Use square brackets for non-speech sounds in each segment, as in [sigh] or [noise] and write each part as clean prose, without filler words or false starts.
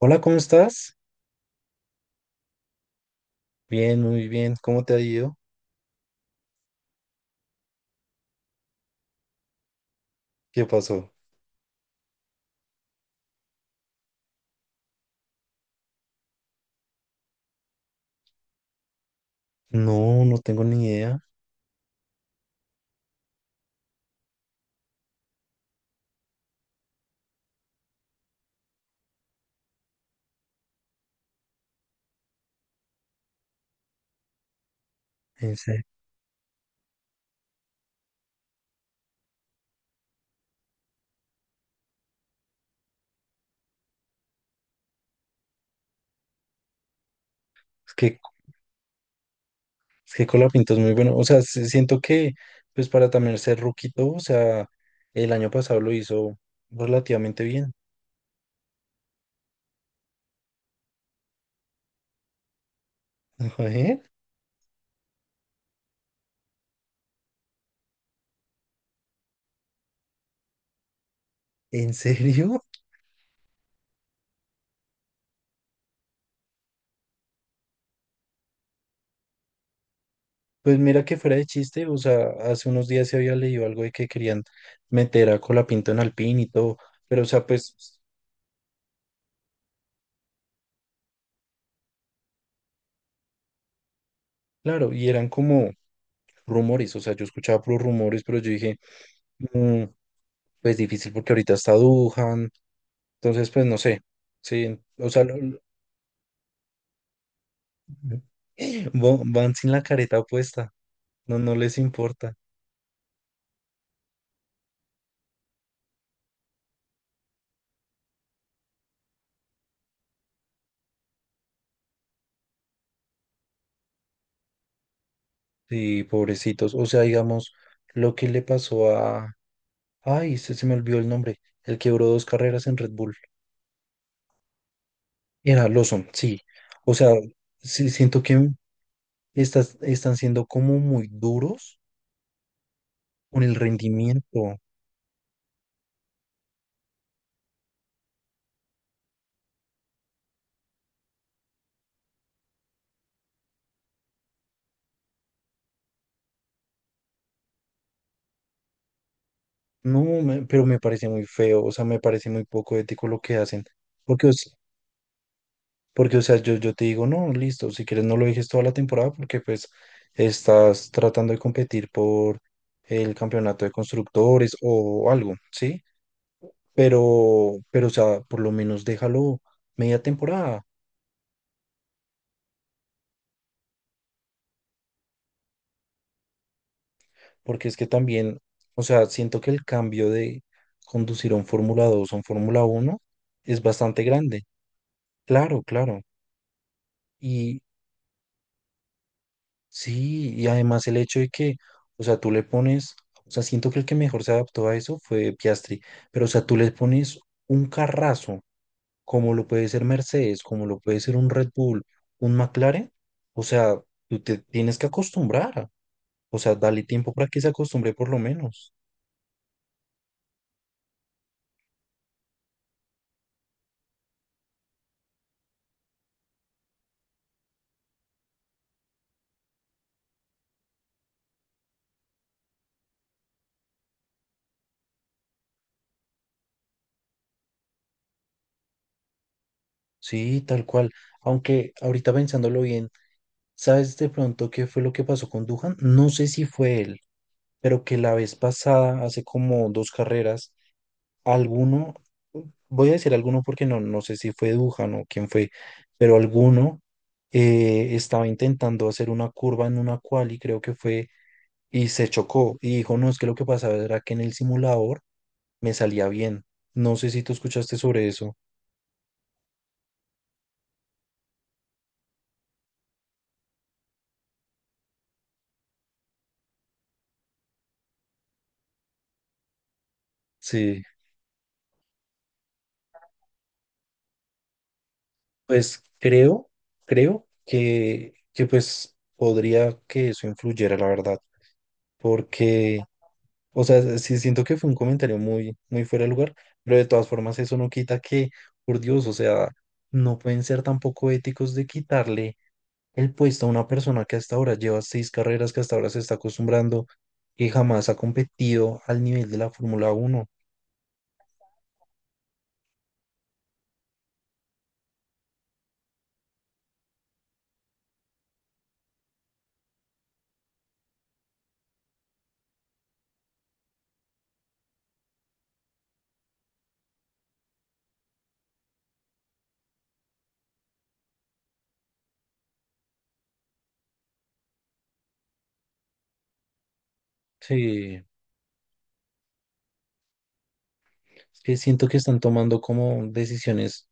Hola, ¿cómo estás? Bien, muy bien. ¿Cómo te ha ido? ¿Qué pasó? No, no tengo ni idea. En serio. Es que, es que Colapinto es muy bueno. O sea, sí siento que, pues para también ser ruquito, o sea, el año pasado lo hizo relativamente bien. [laughs] Joder, ¿en serio? Pues mira que fuera de chiste, o sea, hace unos días se había leído algo de que querían meter a Colapinto en Alpine y todo, pero o sea, pues, claro, y eran como rumores, o sea, yo escuchaba puros rumores, pero yo dije... "Mm, pues difícil porque ahorita está Dujan, entonces pues no sé, sí, o sea, van sin la careta puesta, no les importa, sí, pobrecitos, o sea, digamos, lo que le pasó a, ay, se me olvidó el nombre, el quebró dos carreras en Red Bull, era Lawson, sí, o sea, sí, siento que están siendo como muy duros con el rendimiento, no, pero me parece muy feo, o sea, me parece muy poco ético lo que hacen. Porque, o porque, o sea, yo te digo, no, listo, si quieres no lo dejes toda la temporada porque pues estás tratando de competir por el campeonato de constructores o algo, ¿sí? Pero, o sea, por lo menos déjalo media temporada, porque es que también, o sea, siento que el cambio de conducir a un Fórmula 2 o un Fórmula uno es bastante grande, claro, claro. Y sí, y además el hecho de que, o sea, tú le pones, o sea, siento que el que mejor se adaptó a eso fue Piastri, pero o sea, tú le pones un carrazo, como lo puede ser Mercedes, como lo puede ser un Red Bull, un McLaren, o sea, tú te tienes que acostumbrar, o sea, dale tiempo para que se acostumbre por lo menos. Sí, tal cual. Aunque ahorita pensándolo bien, ¿sabes de pronto qué fue lo que pasó con Duhan? No sé si fue él, pero que la vez pasada, hace como dos carreras, alguno, voy a decir alguno porque no, no sé si fue Dujan o quién fue, pero alguno estaba intentando hacer una curva en una quali, creo que fue, y se chocó y dijo, no, es que lo que pasaba era que en el simulador me salía bien. No sé si tú escuchaste sobre eso. Sí, pues creo, creo que pues podría que eso influyera, la verdad, porque... O sea, sí siento que fue un comentario muy fuera de lugar, pero de todas formas eso no quita que, por Dios, o sea, no pueden ser tampoco éticos de quitarle el puesto a una persona que hasta ahora lleva seis carreras, que hasta ahora se está acostumbrando, que jamás ha competido al nivel de la Fórmula Uno. Sí, es que siento que están tomando como decisiones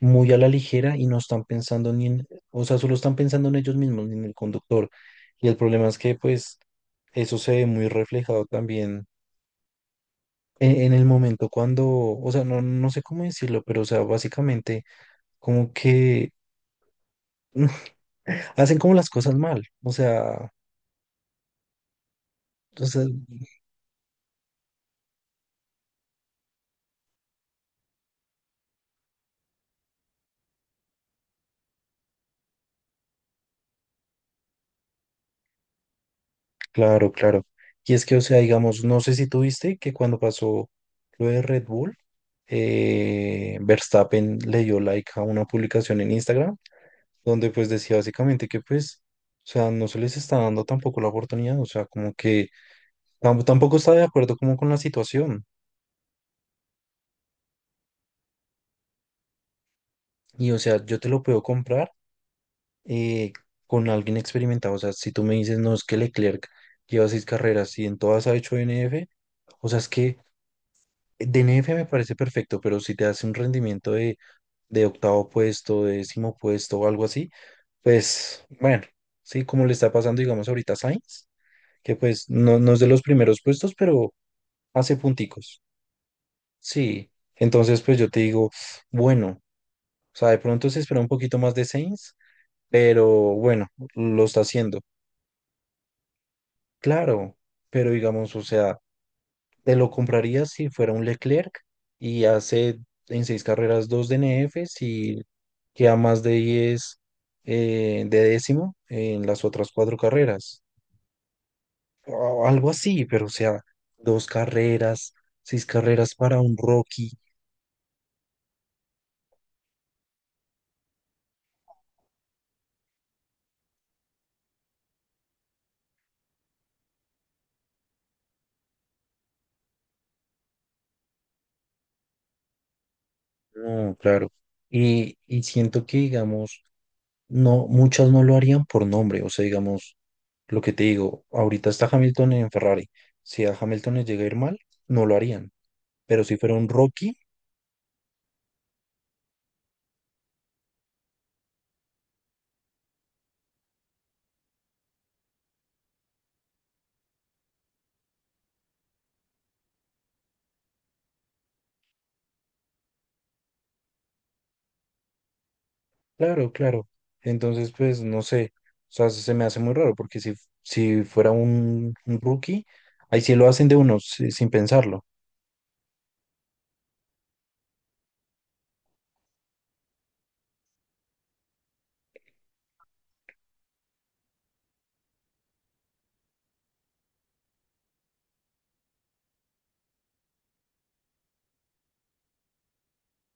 muy a la ligera y no están pensando ni en, o sea, solo están pensando en ellos mismos, ni en el conductor. Y el problema es que, pues, eso se ve muy reflejado también en el momento cuando, o sea, no, no sé cómo decirlo, pero, o sea, básicamente como que [laughs] hacen como las cosas mal, o sea, entonces, claro, claro. Y es que, o sea, digamos, no sé si tuviste que cuando pasó lo de Red Bull, Verstappen le dio like a una publicación en Instagram donde pues decía básicamente que pues, o sea, no se les está dando tampoco la oportunidad, o sea, como que tampoco está de acuerdo como con la situación. Y, o sea, yo te lo puedo comprar eh, con alguien experimentado. O sea, si tú me dices, no, es que Leclerc lleva seis carreras y en todas ha hecho DNF, o sea, es que DNF me parece perfecto, pero si te hace un rendimiento de octavo puesto, de décimo puesto o algo así, pues bueno, sí, como le está pasando, digamos, ahorita a Sainz, que pues no, no es de los primeros puestos, pero hace punticos. Sí, entonces pues yo te digo, bueno, o sea, de pronto se espera un poquito más de Sainz, pero bueno, lo está haciendo. Claro, pero digamos, o sea, te lo comprarías si fuera un Leclerc y hace en seis carreras dos DNFs y queda más de 10 de décimo en las otras cuatro carreras. O algo así, pero o sea, dos carreras, seis carreras para un Rocky. No, claro. Y siento que, digamos, no, muchas no lo harían por nombre. O sea, digamos, lo que te digo, ahorita está Hamilton en Ferrari. Si a Hamilton le llega a ir mal, no lo harían. Pero si fuera un Rocky, claro, claro. Entonces, pues, no sé. O sea, se me hace muy raro porque si, si fuera un rookie, ahí sí lo hacen de uno, sin pensarlo.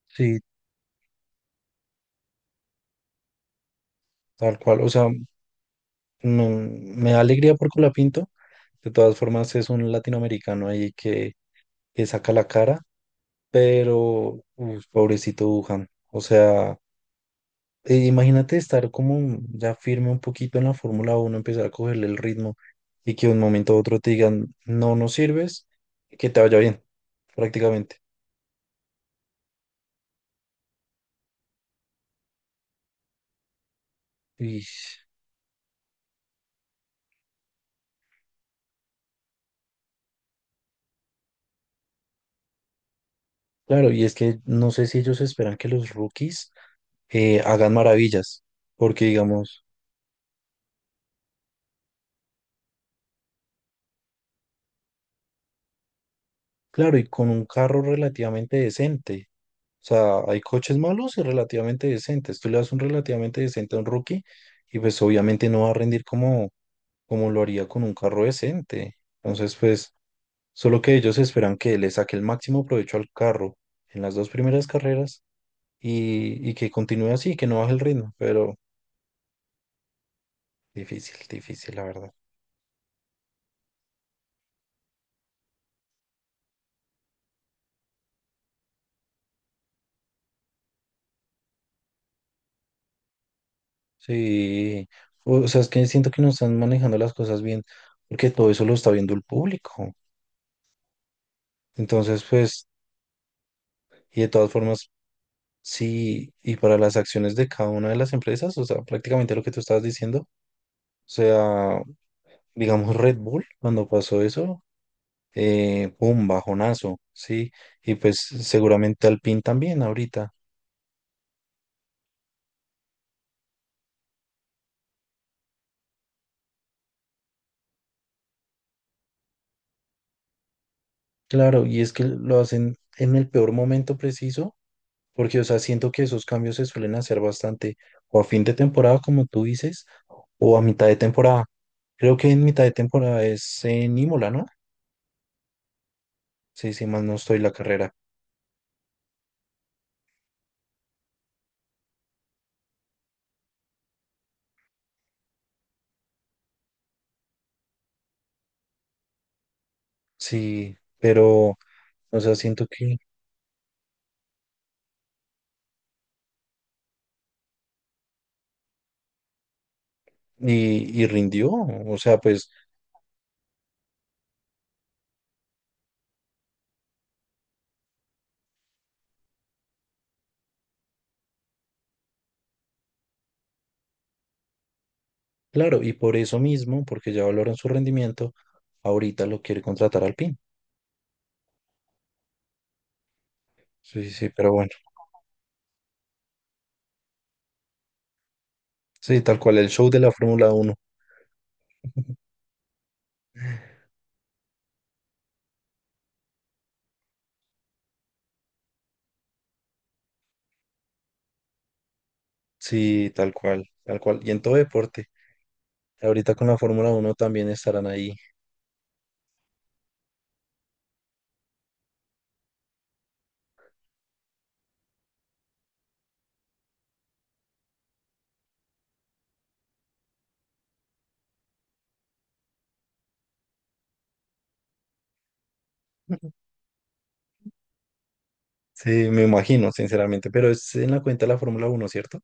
Sí, tal cual. O sea, me da alegría por Colapinto. De todas formas, es un latinoamericano ahí que saca la cara. Pero, uf, pobrecito Wuhan. O sea, imagínate estar como ya firme un poquito en la Fórmula uno, empezar a cogerle el ritmo y que de un momento a otro te digan, no, no sirves, que te vaya bien, prácticamente. Y claro, y es que no sé si ellos esperan que los rookies hagan maravillas, porque digamos, claro, y con un carro relativamente decente, o sea, hay coches malos y relativamente decentes. Tú le das un relativamente decente a un rookie y pues obviamente no va a rendir como, como lo haría con un carro decente. Entonces, pues, solo que ellos esperan que le saque el máximo provecho al carro en las dos primeras carreras y que continúe así, que no baje el ritmo, pero difícil, difícil, la verdad. Sí, o sea, es que siento que no están manejando las cosas bien, porque todo eso lo está viendo el público. Entonces, pues, y de todas formas, sí, y para las acciones de cada una de las empresas, o sea, prácticamente lo que tú estabas diciendo, o sea, digamos Red Bull, cuando pasó eso, un bajonazo, ¿sí? Y pues seguramente al también ahorita. Claro, y es que lo hacen en el peor momento preciso, porque, o sea, siento que esos cambios se suelen hacer bastante o a fin de temporada, como tú dices, o a mitad de temporada. Creo que en mitad de temporada es en Imola, ¿no? Sí, sí, más no estoy la carrera. Sí, pero, o sea, siento que... Y, y rindió, o sea, pues claro, y por eso mismo, porque ya valoran su rendimiento, ahorita lo quiere contratar al... Sí, sí, sí, pero bueno. Sí, tal cual, el show de la Fórmula Uno, sí, tal cual, tal cual. Y en todo deporte. Ahorita con la Fórmula Uno también estarán ahí. [laughs] Sí, me imagino, sinceramente. Pero es en la cuenta de la Fórmula Uno, ¿cierto?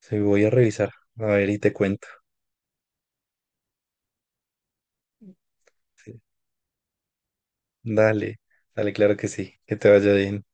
Sí, voy a revisar. A ver, y te cuento. Sí. Dale, dale, claro que sí. Que te vaya bien.